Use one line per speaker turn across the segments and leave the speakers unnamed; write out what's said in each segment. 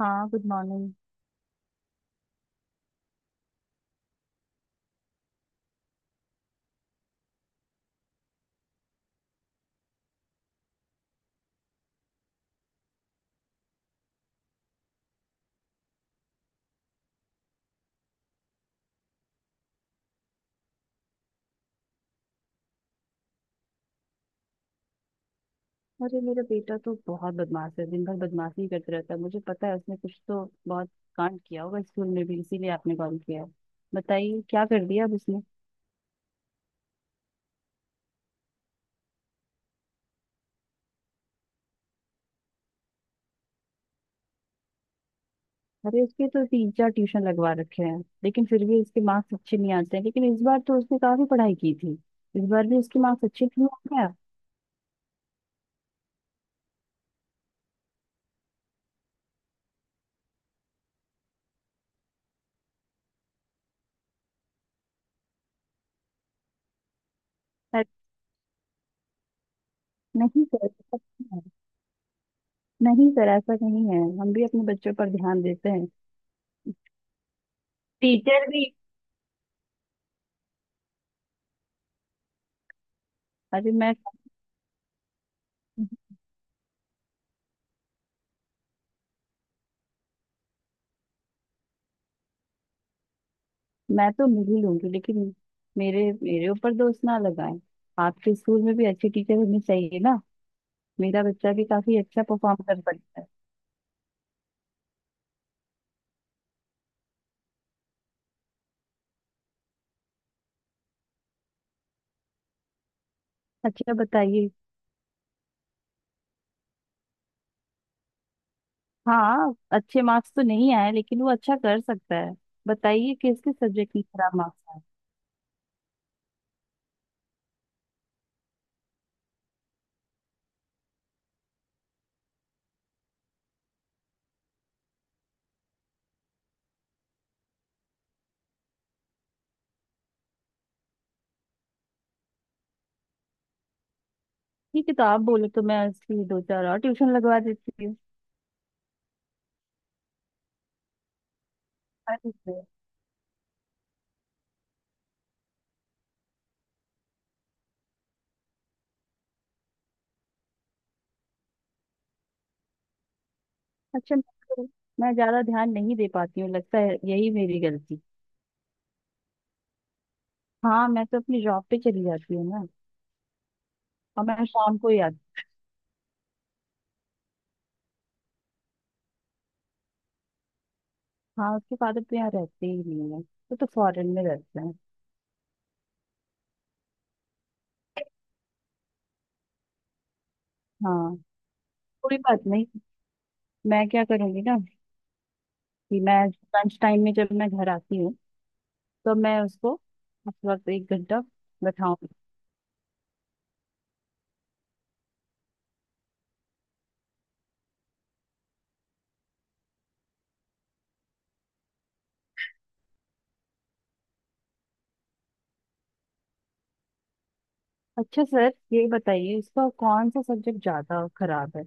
हाँ, good morning. अरे, मेरा बेटा तो बहुत बदमाश है, दिन भर बदमाशी ही करते रहता है। मुझे पता है उसने कुछ तो बहुत कांड किया होगा स्कूल में भी, इसीलिए आपने कॉल किया है। बताइए, क्या कर दिया अब उसने? अरे, उसके तो तीन चार ट्यूशन लगवा रखे हैं, लेकिन फिर भी उसके मार्क्स अच्छे नहीं आते हैं। लेकिन इस बार तो उसने काफी पढ़ाई की थी, इस बार भी उसके मार्क्स अच्छे क्यों आ गया? अरे, नहीं सर, ऐसा नहीं है। नहीं सर, ऐसा नहीं है, हम भी अपने बच्चों पर ध्यान देते हैं। टीचर भी अरे मैं तो नहीं लूंगी, लेकिन मेरे मेरे ऊपर दोष ना लगाएं। आपके स्कूल में भी अच्छी टीचर होनी चाहिए ना। मेरा बच्चा भी काफी अच्छा परफॉर्म कर सकता है। अच्छा, बताइए। हाँ, अच्छे मार्क्स तो नहीं आए, लेकिन वो अच्छा कर सकता है। बताइए किस किस सब्जेक्ट में खराब मार्क्स आए? ठीक है, तो आप बोले तो मैं उसकी दो चार और ट्यूशन लगवा देती हूँ। अरे वाह। अच्छा, तो मैं ज्यादा ध्यान नहीं दे पाती हूँ, लगता है यही मेरी गलती। हाँ, मैं तो अपनी जॉब पे चली जाती हूँ ना। और मैं शाम को ही आती हाँ, उसके फादर तो यहाँ रहते ही नहीं है, वो तो फॉरेन में रहते हैं। हाँ। कोई बात नहीं। मैं क्या करूंगी ना, कि मैं लंच टाइम में जब मैं घर आती हूँ तो मैं उसको उस वक्त एक घंटा बैठाऊंगी। अच्छा सर, ये बताइए इसका कौन सा सब्जेक्ट ज्यादा खराब है?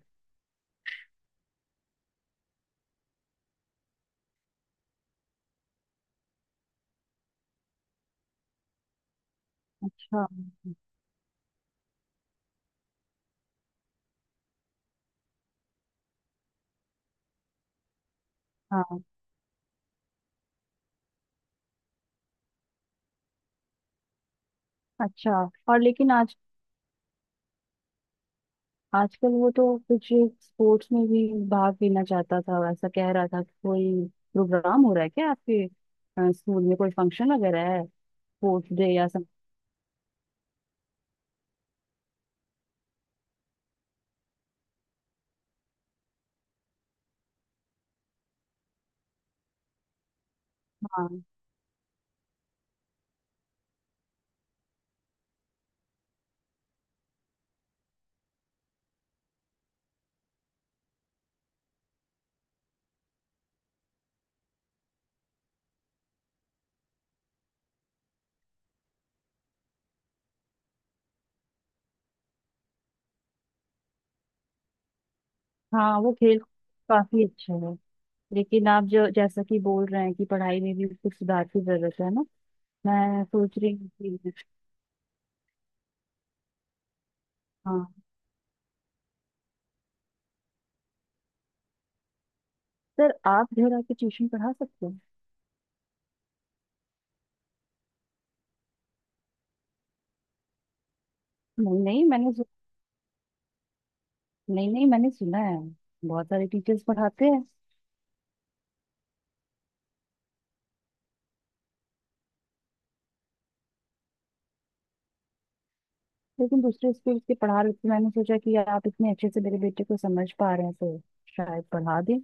अच्छा। हाँ। अच्छा। और लेकिन आज आजकल वो तो कुछ स्पोर्ट्स में भी भाग लेना चाहता था, ऐसा कह रहा था। कोई प्रोग्राम हो रहा है क्या आपके स्कूल में? कोई फंक्शन वगैरह है? स्पोर्ट्स डे या सब। हाँ, वो खेल काफी अच्छा है। लेकिन आप जो जैसा कि बोल रहे हैं कि पढ़ाई में भी कुछ सुधार की जरूरत है ना। मैं सोच रही हूँ कि हाँ। सर, आप घर आके ट्यूशन पढ़ा सकते हैं? नहीं नहीं मैंने सु- नहीं नहीं, मैंने सुना है बहुत सारे टीचर्स पढ़ाते हैं। लेकिन दूसरे स्कूल के पढ़ा रहे थे, मैंने सोचा कि आप इतने अच्छे से मेरे बेटे को समझ पा रहे हैं तो शायद पढ़ा दें।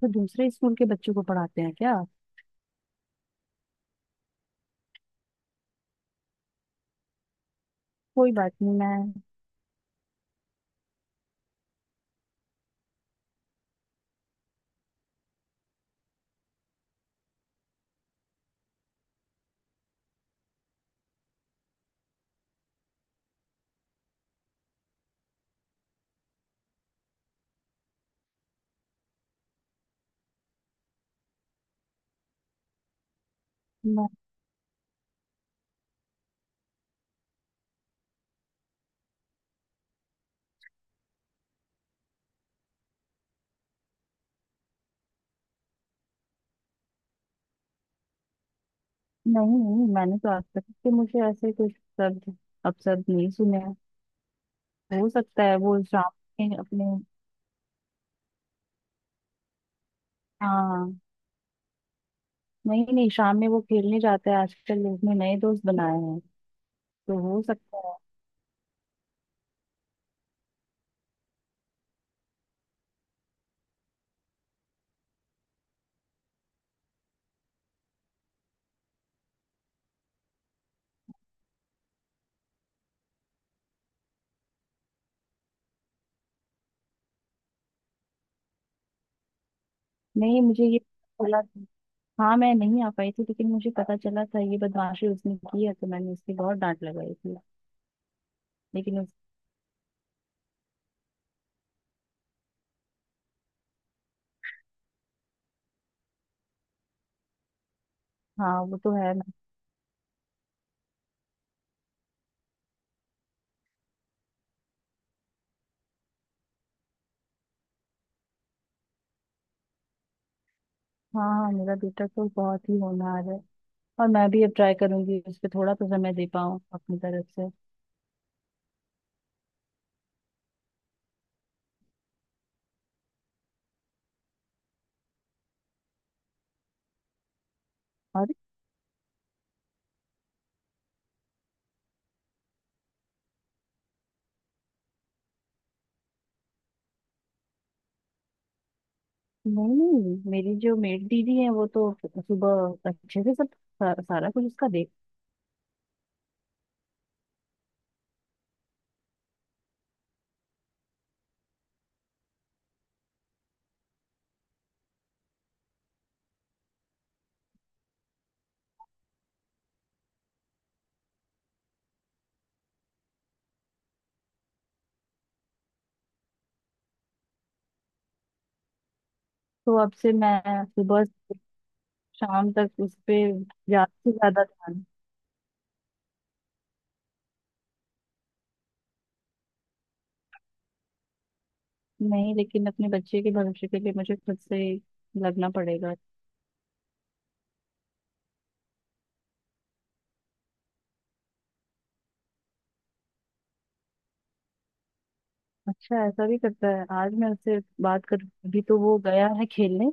तो दूसरे स्कूल के बच्चों को पढ़ाते हैं क्या? कोई बात नहीं, मैं नहीं नहीं, मैंने तो आज तक कि मुझे ऐसे कुछ शब्द अपशब्द नहीं सुने हैं। हो सकता है वो शाम में अपने, हाँ। नहीं नहीं, शाम में वो खेलने जाता है, आजकल उसने नए दोस्त बनाए हैं, तो हो सकता है। नहीं, मुझे ये चला हाँ, मैं नहीं आ पाई थी, लेकिन मुझे पता चला था ये बदमाशी उसने की है, तो मैंने उसकी बहुत डांट लगाई थी। लेकिन उस हाँ, वो तो है। हाँ हाँ, मेरा बेटा तो बहुत ही होनहार है। और मैं भी अब ट्राई करूंगी उस पर थोड़ा तो समय दे पाऊँ अपनी तरफ से। और नहीं नहीं, मेरी जो मेड दीदी है वो तो सुबह अच्छे से सब सारा कुछ उसका देख। तो अब से मैं सुबह शाम तक उस पे ज्यादा से ज्यादा ध्यान नहीं, लेकिन अपने बच्चे के भविष्य के लिए मुझे खुद से ही लगना पड़ेगा। अच्छा, ऐसा भी करता है? आज मैं उससे बात कर, अभी तो वो गया है खेलने।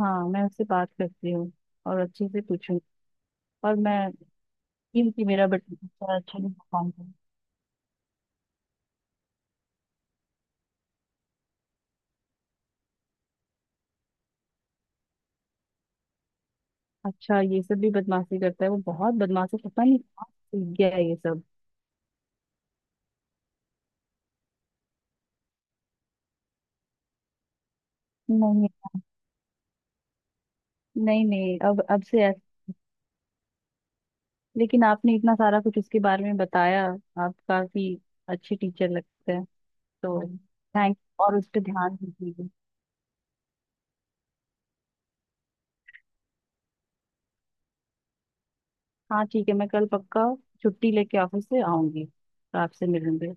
हाँ, मैं उससे बात करती हूँ और अच्छे से पूछूंगी। और मैं कि मेरा बच्चा अच्छा नहीं परफॉर्म कर। अच्छा, ये सब भी बदमाशी करता है? वो बहुत बदमाश है, पता नहीं कहाँ से सीख गया है ये सब। नहीं नहीं नहीं, अब से ऐस-। लेकिन आपने इतना सारा कुछ उसके बारे में बताया, आप काफी अच्छे टीचर लगते हैं। तो थैंक और उस पर ध्यान दीजिएगा। हाँ ठीक है, मैं कल पक्का छुट्टी लेके ऑफिस से आऊंगी तो आपसे मिलूंगी।